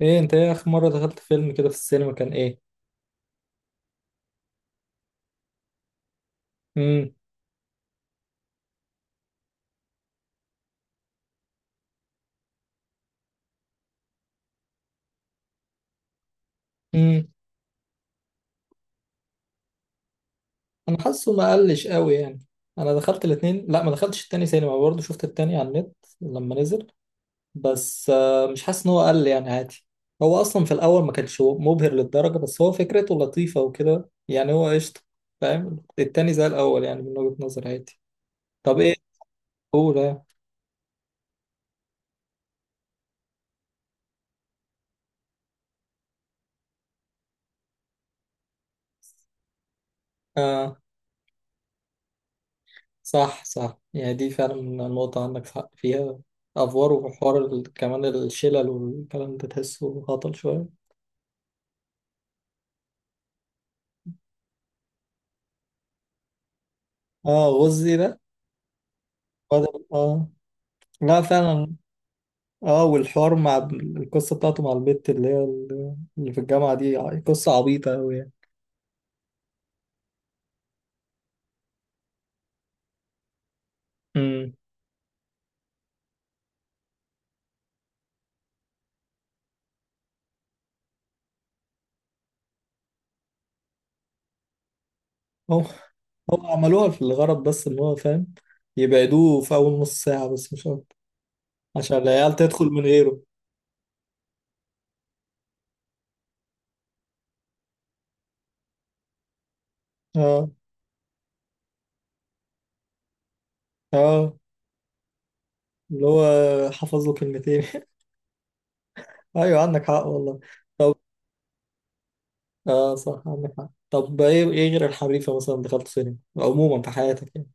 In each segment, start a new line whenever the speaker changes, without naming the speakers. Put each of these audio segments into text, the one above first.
ايه، انت ايه اخر مرة دخلت فيلم كده في السينما كان ايه؟ امم. امم. انا حاسه ما قلش قوي يعني. انا دخلت الاتنين، لا ما دخلتش التاني سينما، برضه شفت التاني على النت لما نزل. بس مش حاسس ان هو قل يعني عادي. هو اصلا في الاول ما كانش مبهر للدرجة، بس هو فكرته لطيفة وكده يعني هو قشطة. فاهم التاني زي الاول يعني، من وجهة نظري عادي. طب ايه. قول. اه، صح صح يعني دي فعلا النقطة عندك حق فيها. أفوار وحوار كمان الشلل والكلام ده تحسه هطل شوية. اه غزي ده. بدل اه. لا فعلا. اه، والحوار مع القصة بتاعته مع البت اللي هي اللي في الجامعة دي قصة عبيطة أوي يعني. أمم. هو هو عملوها في الغرض، بس إن هو فاهم يبعدوه في أول نص ساعة بس مش أكتر، عشان العيال تدخل من غيره. اه اه، اللي هو حفظ له كلمتين أيوه عندك حق والله. طب. اه صح عندك حق. طب ايه، غير الحريفة مثلا دخلت سينما عموما في حياتك يعني؟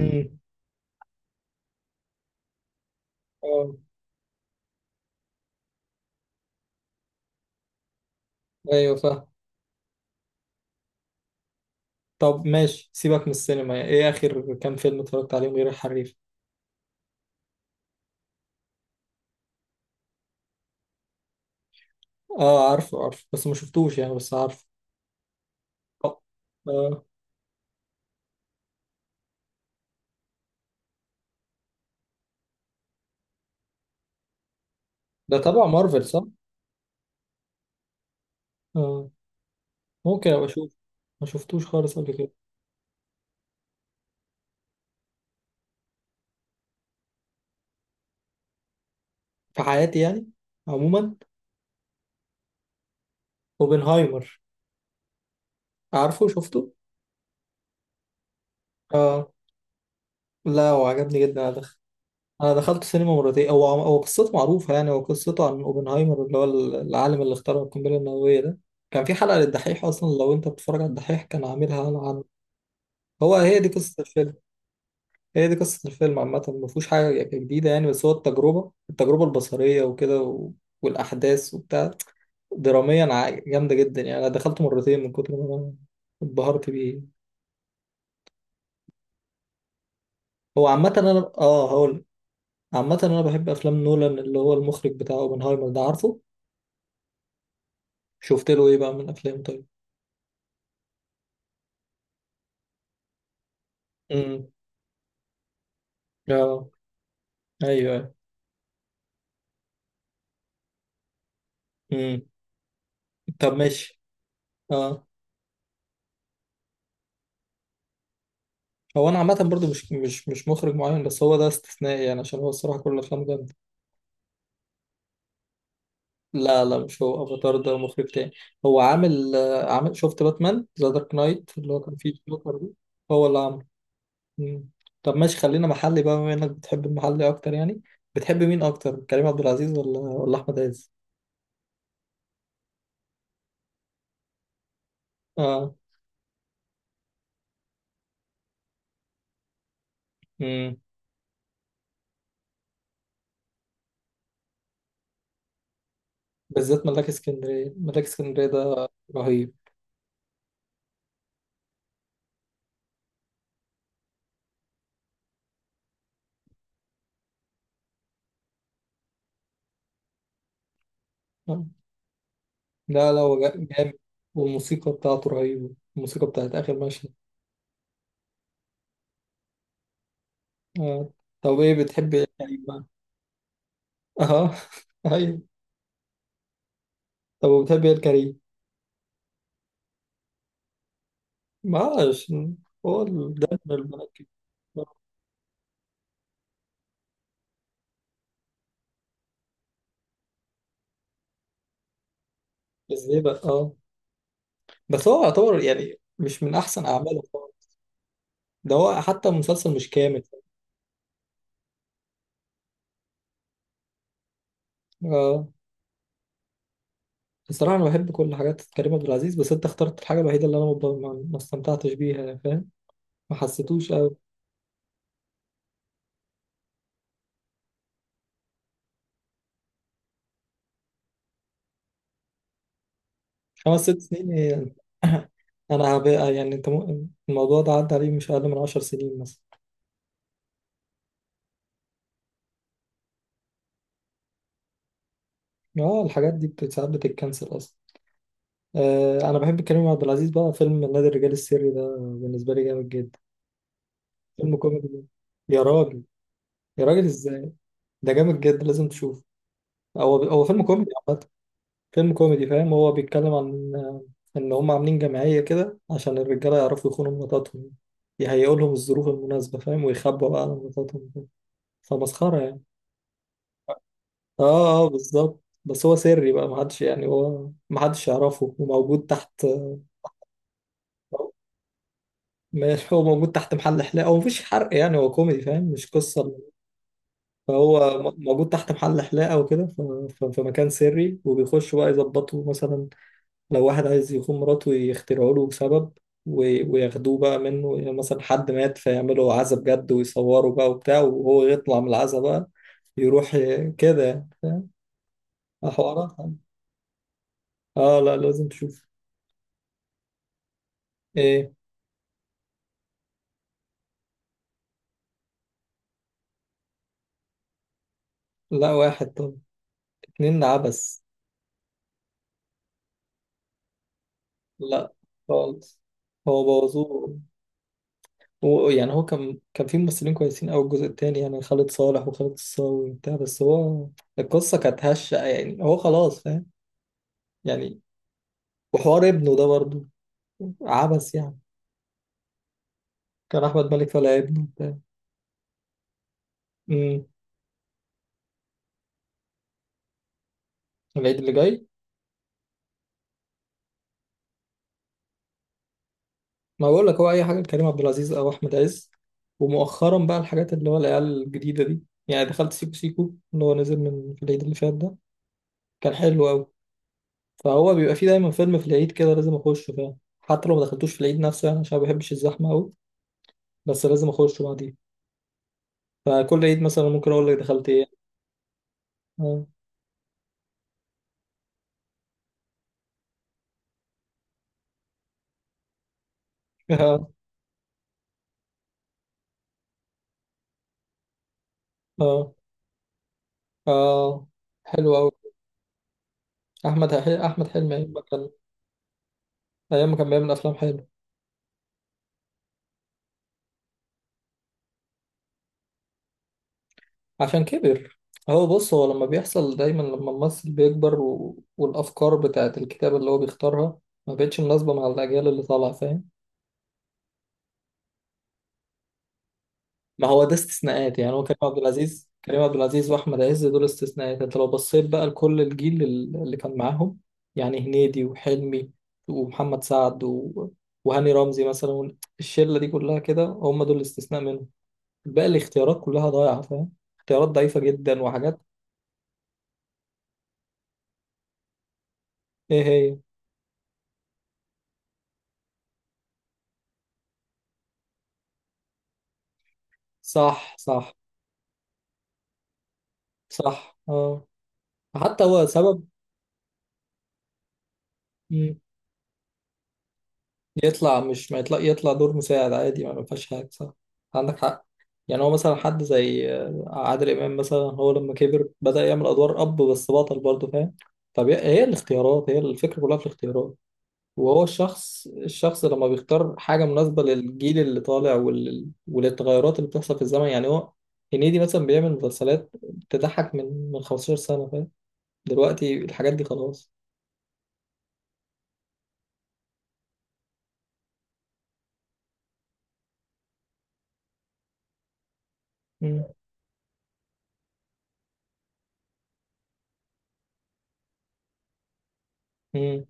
امم. اه ايوه فاهم. طب ماشي، سيبك من السينما، يعني ايه اخر كام فيلم اتفرجت عليهم غير الحريفة؟ اه، عارفه عارفه بس ما شفتوش يعني، بس عارفه. اه آه. ده تبع مارفل صح؟ آه. ممكن ابقى اشوف. ما شفتوش خالص قبل كده. في حياتي يعني. عموما. اوبنهايمر. عارفه شفته. اه لا، وعجبني جدا ده. انا دخلت سينما مرتين، هو هو قصته معروفه يعني، هو قصته عن اوبنهايمر اللي هو العالم اللي اخترع القنبله النوويه ده. كان في حلقه للدحيح اصلا، لو انت بتتفرج على الدحيح كان عاملها عنه. هو هي دي قصه الفيلم. هي دي قصه الفيلم عامه، ما فيهوش حاجه يعني جديده يعني، بس هو التجربه البصريه وكده والاحداث وبتاع. دراميا جامده جدا يعني، انا دخلته مرتين من كتر ما انا اتبهرت بيه. هو عامه انا هقول. عامه انا بحب افلام نولان اللي هو المخرج بتاع اوبنهايمر ده، عارفه. شفت له ايه بقى من افلام طيب؟ امم. اه ايوه أيوة. امم. طب ماشي. اه. هو انا عامه برضو مش مخرج معين، بس هو ده استثنائي يعني عشان هو الصراحه كل افلامه جامده. لا لا، مش هو افاتار، ده مخرج تاني. هو عامل شفت باتمان ذا دارك نايت اللي هو كان فيه جوكر ده؟ هو اللي عامله. امم. طب ماشي، خلينا محلي بقى بما انك بتحب المحلي اكتر يعني. بتحب مين اكتر كريم عبد العزيز ولا احمد عز؟ اه. امم. بالذات ملاك اسكندريه، ملاك اسكندريه ده رهيب. آه. لا لا، هو جامد. والموسيقى بتاعته رهيبة، الموسيقى بتاعت آخر مشهد. آه. طب إيه بتحب إيه الكريم بقى؟ أها. أيوة. طب وبتحب إيه الكريم؟ معلش. هو ده من المركب. إزاي بقى؟ أه. بس هو يعتبر يعني مش من أحسن أعماله خالص. ده هو حتى المسلسل مش كامل. أه. بصراحة أنا بحب كل حاجات كريم عبد العزيز، بس أنت اخترت الحاجة الوحيدة اللي أنا ما استمتعتش بيها فاهم؟ ما حسيتوش أوي. خمس ست سنين ايه يعني؟ انا هبقى يعني، انت ممكن الموضوع ده عدى عليه مش اقل من 10 سنين مثلا. اه، الحاجات دي ساعات بتتكنسل اصلا. آه، انا بحب كريم عبد العزيز بقى، فيلم نادي الرجال السري ده بالنسبه لي جامد جدا. فيلم كوميدي جدا. يا راجل. يا راجل ازاي. ده جامد جدا لازم تشوفه. هو فيلم كوميدي عامه. فيلم كوميدي فاهم، هو بيتكلم عن ان هم عاملين جمعيه كده عشان الرجاله يعرفوا يخونوا مراتاتهم. يهيئوا لهم الظروف المناسبه فاهم، ويخبوا بقى على مراتاتهم. فمسخره يعني. اه اه بالظبط، بس هو سري بقى، محدش يعني هو محدش يعرفه، وموجود تحت. ماشي، هو موجود تحت محل حلاقة، هو مفيش حرق يعني، هو كوميدي فاهم مش قصة. فهو موجود تحت محل حلاقة وكده في مكان سري، وبيخشوا بقى يظبطوا مثلا لو واحد عايز يخون مراته يخترعوا له سبب وياخدوه بقى منه، يعني مثلا حد مات فيعملوا عزا بجد ويصوروا بقى وبتاع، وهو يطلع من العزا بقى يروح كده يعني فاهم؟ حوارات يعني. اه لا، لازم تشوف. ايه. لا واحد. طب اتنين عبس. لا خالص. هو بوظوه. هو يعني هو كان في ممثلين كويسين أوي الجزء التاني يعني، خالد صالح وخالد الصاوي وبتاع، بس هو القصة كانت هشة يعني، هو خلاص فاهم يعني. وحوار ابنه ده برضه عبس يعني. كان أحمد مالك طالع ابنه وبتاع. أمم. العيد اللي جاي، ما بقول لك هو أي حاجة لكريم عبد العزيز أو أحمد عز، ومؤخرا بقى الحاجات اللي هو العيال الجديدة دي. يعني دخلت سيكو سيكو اللي هو نزل من في العيد اللي فات ده. كان حلو أوي. فهو بيبقى فيه دايما فيلم في العيد كده لازم اخشه فاهم، حتى لو ما دخلتوش في العيد نفسه يعني، عشان ما بحبش الزحمه قوي، بس لازم اخشه بعديه. فكل عيد مثلا ممكن اقول لك دخلت ايه. اه اه اه آه. حلو قوي. احمد حلمي ايام ما كان، ايام ما كان بيعمل افلام حلوه. عشان كبر. هو بص، هو لما بيحصل دايما لما الممثل بيكبر والافكار بتاعت الكتاب اللي هو بيختارها ما بقتش مناسبه مع الاجيال اللي طالعه فاهم. ما هو ده استثناءات يعني، هو كريم عبد العزيز واحمد عز دول استثناءات، انت لو بصيت بقى لكل الجيل اللي كان معاهم، يعني هنيدي وحلمي، ومحمد سعد وهاني رمزي مثلا، الشله دي كلها كده هم دول الاستثناء منهم. باقي الاختيارات كلها ضايعه فاهم. اختيارات ضعيفه جدا وحاجات. ايه هي؟ صح صح صح. اه حتى هو سبب يطلع، مش ما يطلع دور مساعد عادي ما فيهاش حاجة صح. عندك حق. يعني هو مثلا حد زي عادل إمام مثلا هو لما كبر بدأ يعمل أدوار أب بس بطل برضه فاهم. طب هي الاختيارات، هي الفكرة كلها في الاختيارات. وهو الشخص لما بيختار حاجة مناسبة للجيل اللي طالع وللتغيرات اللي بتحصل في الزمن يعني. هو هنيدي مثلا بيعمل مسلسلات تضحك من 15 سنة فاهم، دلوقتي الحاجات دي خلاص. امم. امم.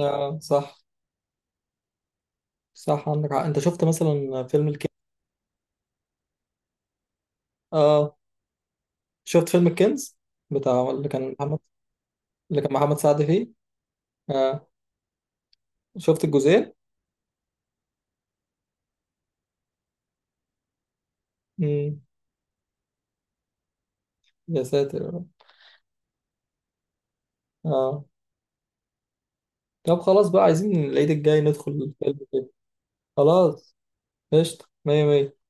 آه صح. صح عندك حق. انت شفت مثلا فيلم الكنز؟ اه شفت فيلم الكنز بتاع، اللي كان محمد، اللي كان محمد سعد فيه. اه شفت الجزئين. امم. يا ساتر يا رب. اه طب، خلاص بقى، عايزين العيد الجاي ندخل الفيلم كده. خلاص. قشطة، مية مية.